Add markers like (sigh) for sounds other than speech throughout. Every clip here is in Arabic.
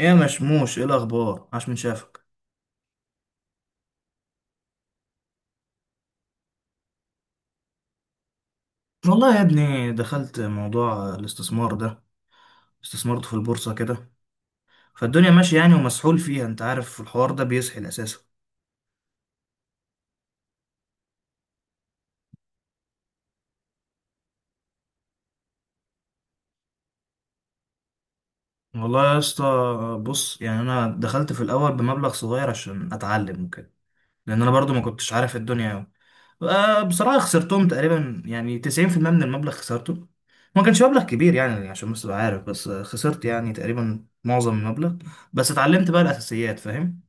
ايه يا مشموش، ايه الاخبار؟ عاش من شافك. والله يا ابني دخلت موضوع الاستثمار ده. استثمرت في البورصه كده. فالدنيا ماشيه يعني ومسحول فيها، انت عارف الحوار ده بيسحل اساسا. والله يا اسطى، بص يعني انا دخلت في الاول بمبلغ صغير عشان اتعلم وكده، لان انا برضو ما كنتش عارف الدنيا أوي. بصراحه خسرتهم تقريبا يعني 90% من المبلغ خسرته. ما كانش مبلغ كبير يعني، عشان بس تبقى عارف، بس خسرت يعني تقريبا معظم المبلغ. بس اتعلمت بقى الاساسيات، فاهم؟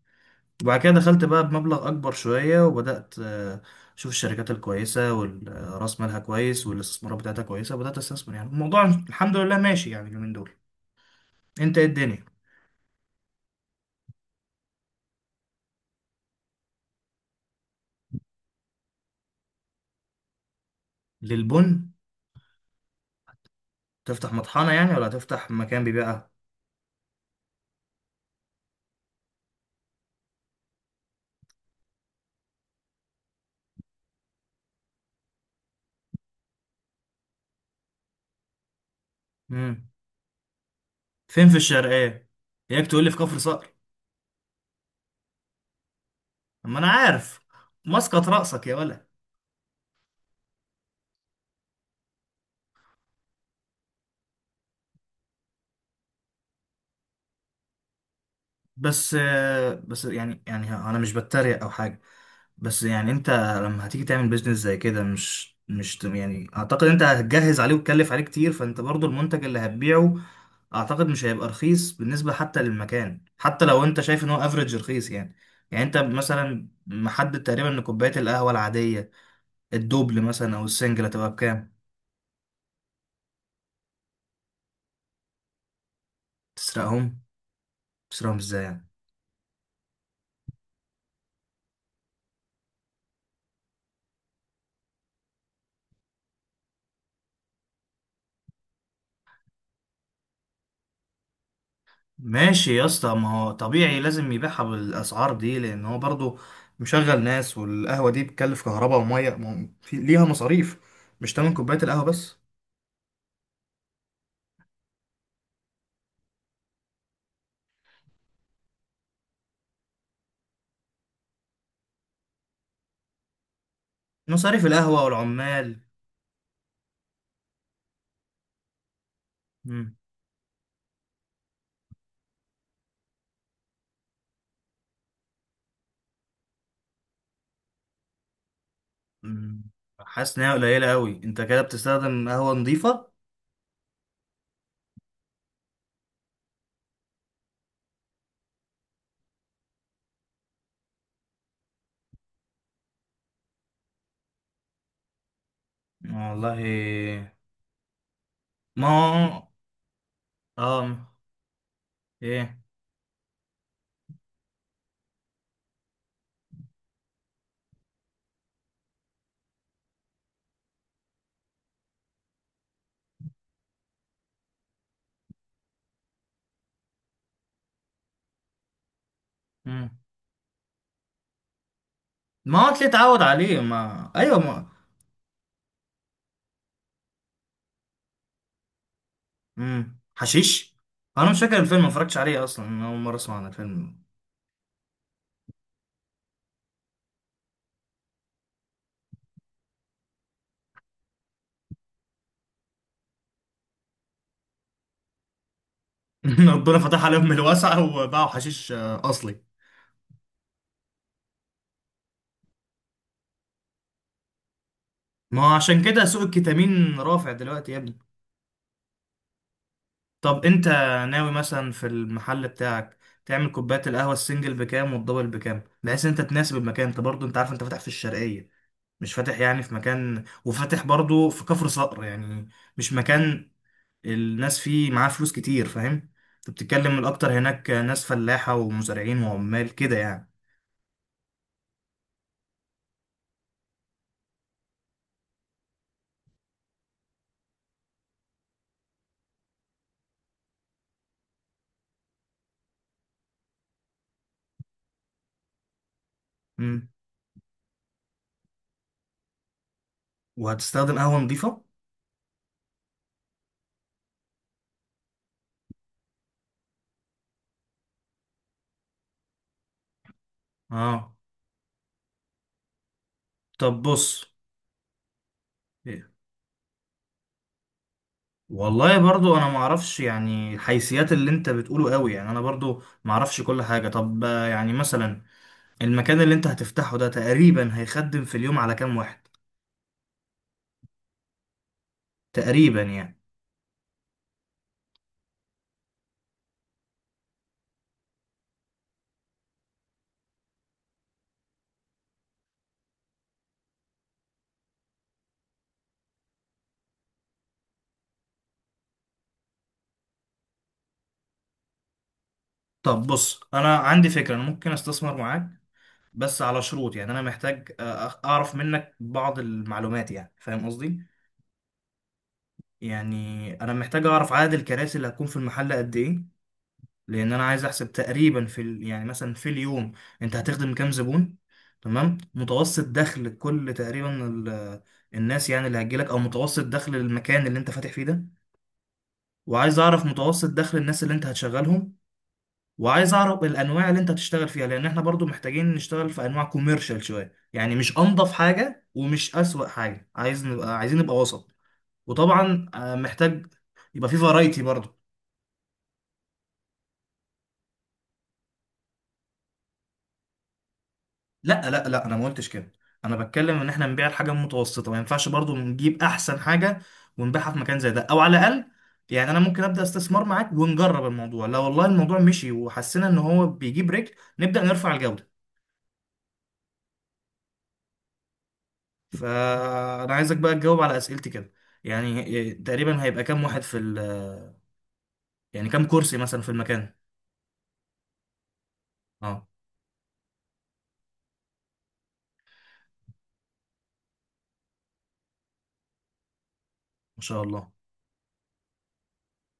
وبعد كده دخلت بقى بمبلغ أكبر شوية، وبدأت أشوف الشركات الكويسة والرأس مالها كويس والاستثمارات بتاعتها كويسة، وبدأت أستثمر. يعني الموضوع الحمد لله ماشي يعني اليومين دول. أنت إيه الدنيا؟ للبن؟ تفتح مطحنة يعني ولا تفتح مكان بيبيعها؟ مم. فين في الشرقية؟ ياك تقول لي في كفر صقر. أما أنا عارف مسقط رأسك يا ولد. بس بس يعني يعني انا مش بتريق او حاجه، بس يعني انت لما هتيجي تعمل بيزنس زي كده، مش مش ت- يعني اعتقد انت هتجهز عليه وتكلف عليه كتير. فانت برضو المنتج اللي هتبيعه اعتقد مش هيبقى رخيص بالنسبه حتى للمكان، حتى لو انت شايف ان هو افريج رخيص يعني. يعني انت مثلا محدد تقريبا ان كوبايه القهوه العاديه، الدوبل مثلا او السنجل، هتبقى بكام؟ تسرقهم؟ تسرقهم ازاي يعني؟ ماشي يا اسطى، ما هو طبيعي لازم يبيعها بالاسعار دي، لان هو برضو مشغل ناس، والقهوه دي بتكلف كهرباء وميه، ما هو ليها مصاريف، مش تمن كوبايه القهوه بس. مصاريف القهوه والعمال. مم. مم. حاسس انها قليله قوي. انت كده بتستخدم قهوه نظيفه؟ والله. ما هو. اه. آه، ايه؟ مم. ما هو اللي اتعود عليه، ما ايوه ما. مم. حشيش. انا مش فاكر الفيلم، ما اتفرجتش عليه اصلا، انا اول مره اسمع عن الفيلم. (laughs) ربنا فتح عليهم من الواسعة وباعوا حشيش أصلي. ما هو عشان كده سوق الكتامين رافع دلوقتي يا ابني. طب أنت ناوي مثلا في المحل بتاعك تعمل كوبايات القهوة السنجل بكام والدبل بكام، بحيث إن أنت تناسب المكان؟ أنت برضه أنت عارف أنت فاتح في الشرقية، مش فاتح يعني في مكان، وفاتح برضه في كفر صقر يعني، مش مكان الناس فيه معاه فلوس كتير، فاهم؟ أنت بتتكلم الأكتر هناك ناس فلاحة ومزارعين وعمال كده يعني. مم. وهتستخدم قهوة نظيفة؟ اه. طب بص. إيه. والله برضو انا ما اعرفش يعني الحيثيات اللي انت بتقوله قوي، يعني انا برضو ما اعرفش كل حاجة. طب يعني مثلا المكان اللي انت هتفتحه ده تقريبا هيخدم في اليوم على كام واحد؟ تقريبا يعني. طب بص انا عندي فكرة، انا ممكن استثمر معاك، بس على شروط. يعني انا محتاج اعرف منك بعض المعلومات، يعني فاهم قصدي؟ يعني انا محتاج اعرف عدد الكراسي اللي هتكون في المحل قد ايه، لان انا عايز احسب تقريبا يعني مثلا في اليوم انت هتخدم كام زبون، تمام؟ متوسط دخل كل تقريبا الناس يعني اللي هتجيلك، او متوسط دخل المكان اللي انت فاتح فيه ده. وعايز اعرف متوسط دخل الناس اللي انت هتشغلهم. وعايز اعرف الانواع اللي انت هتشتغل فيها، لان احنا برضو محتاجين نشتغل في انواع كوميرشال شويه يعني، مش انضف حاجه ومش اسوأ حاجه، عايز نبقى، عايزين نبقى وسط. وطبعا محتاج يبقى في فرايتي برضو. لا، انا ما قلتش كده. انا بتكلم ان احنا نبيع الحاجه المتوسطه، ما ينفعش برضو نجيب احسن حاجه ونبيعها في مكان زي ده، او على الاقل يعني انا ممكن ابدا استثمار معاك ونجرب الموضوع، لو والله الموضوع مشي وحسينا ان هو بيجيب رجل نبدا نرفع الجوده. فانا عايزك بقى تجاوب على اسئلتي كده. يعني تقريبا هيبقى كام واحد يعني كام كرسي مثلا في المكان؟ اه. ما شاء الله.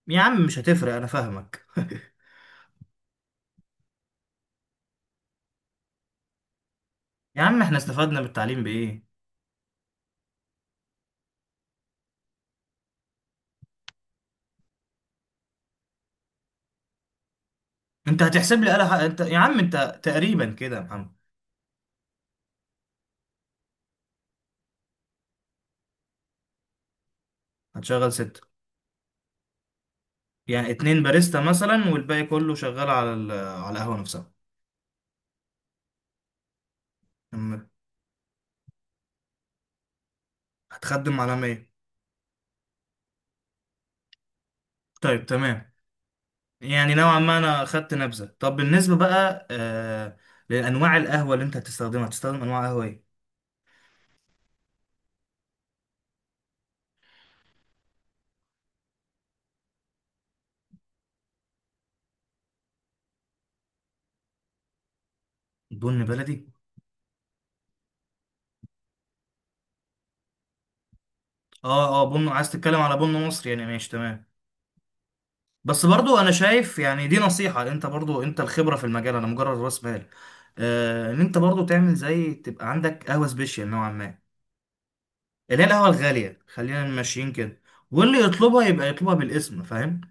يا عم مش هتفرق، انا فاهمك. (laughs) يا عم احنا استفدنا بالتعليم بايه؟ انت هتحسب لي، قلق انت يا عم، انت تقريبا كده يا محمد. هتشغل ستة؟ يعني اتنين باريستا مثلا والباقي كله شغال على على القهوة نفسها. أم- هتخدم على مية. طيب تمام. يعني نوعا ما أنا خدت نبذة. طب بالنسبة بقى آه لأنواع القهوة اللي أنت هتستخدمها، هتستخدم أنواع قهوة إيه؟ بن بلدي؟ أه أه، بن عايز تتكلم على بن مصري يعني، ماشي تمام. بس برضو أنا شايف يعني، دي نصيحة، أنت برضو أنت الخبرة في المجال، أنا مجرد رأس مال، ان انت برضو تعمل زي تبقى عندك قهوه سبيشال نوعا ما، اللي هي القهوة الغالية، خلينا ماشيين كده، واللي يطلبها يبقى يطلبها بالاسم، فاهم؟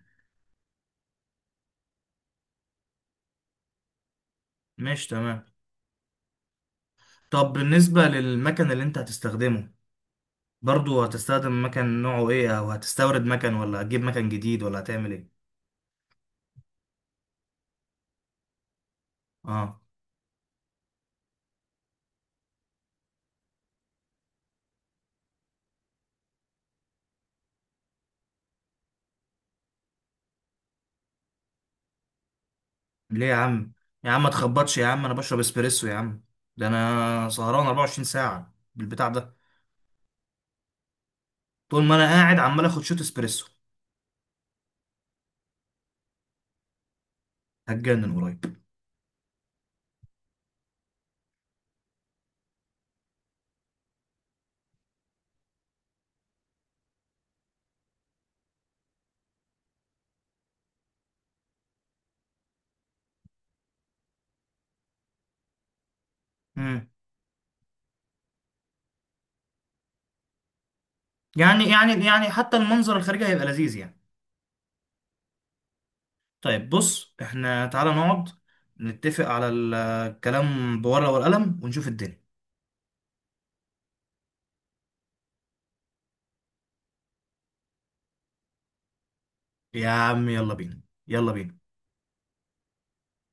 ماشي تمام. طب بالنسبة للمكان اللي انت هتستخدمه، برضو هتستخدم مكان نوعه ايه؟ او هتستورد مكان ولا هتجيب مكان جديد ولا هتعمل ايه؟ اه. ليه يا عم؟ يا عم ما تخبطش يا عم، انا بشرب اسبريسو يا عم. ده انا سهران 24 ساعة بالبتاع ده. طول ما انا قاعد عمال اخد شوت اسبريسو. هتجنن قريب. مم. يعني يعني يعني حتى المنظر الخارجي هيبقى لذيذ يعني. طيب بص، احنا تعالى نقعد نتفق على الكلام بورقة والقلم ونشوف الدنيا. يا عم يلا بينا. يلا بينا.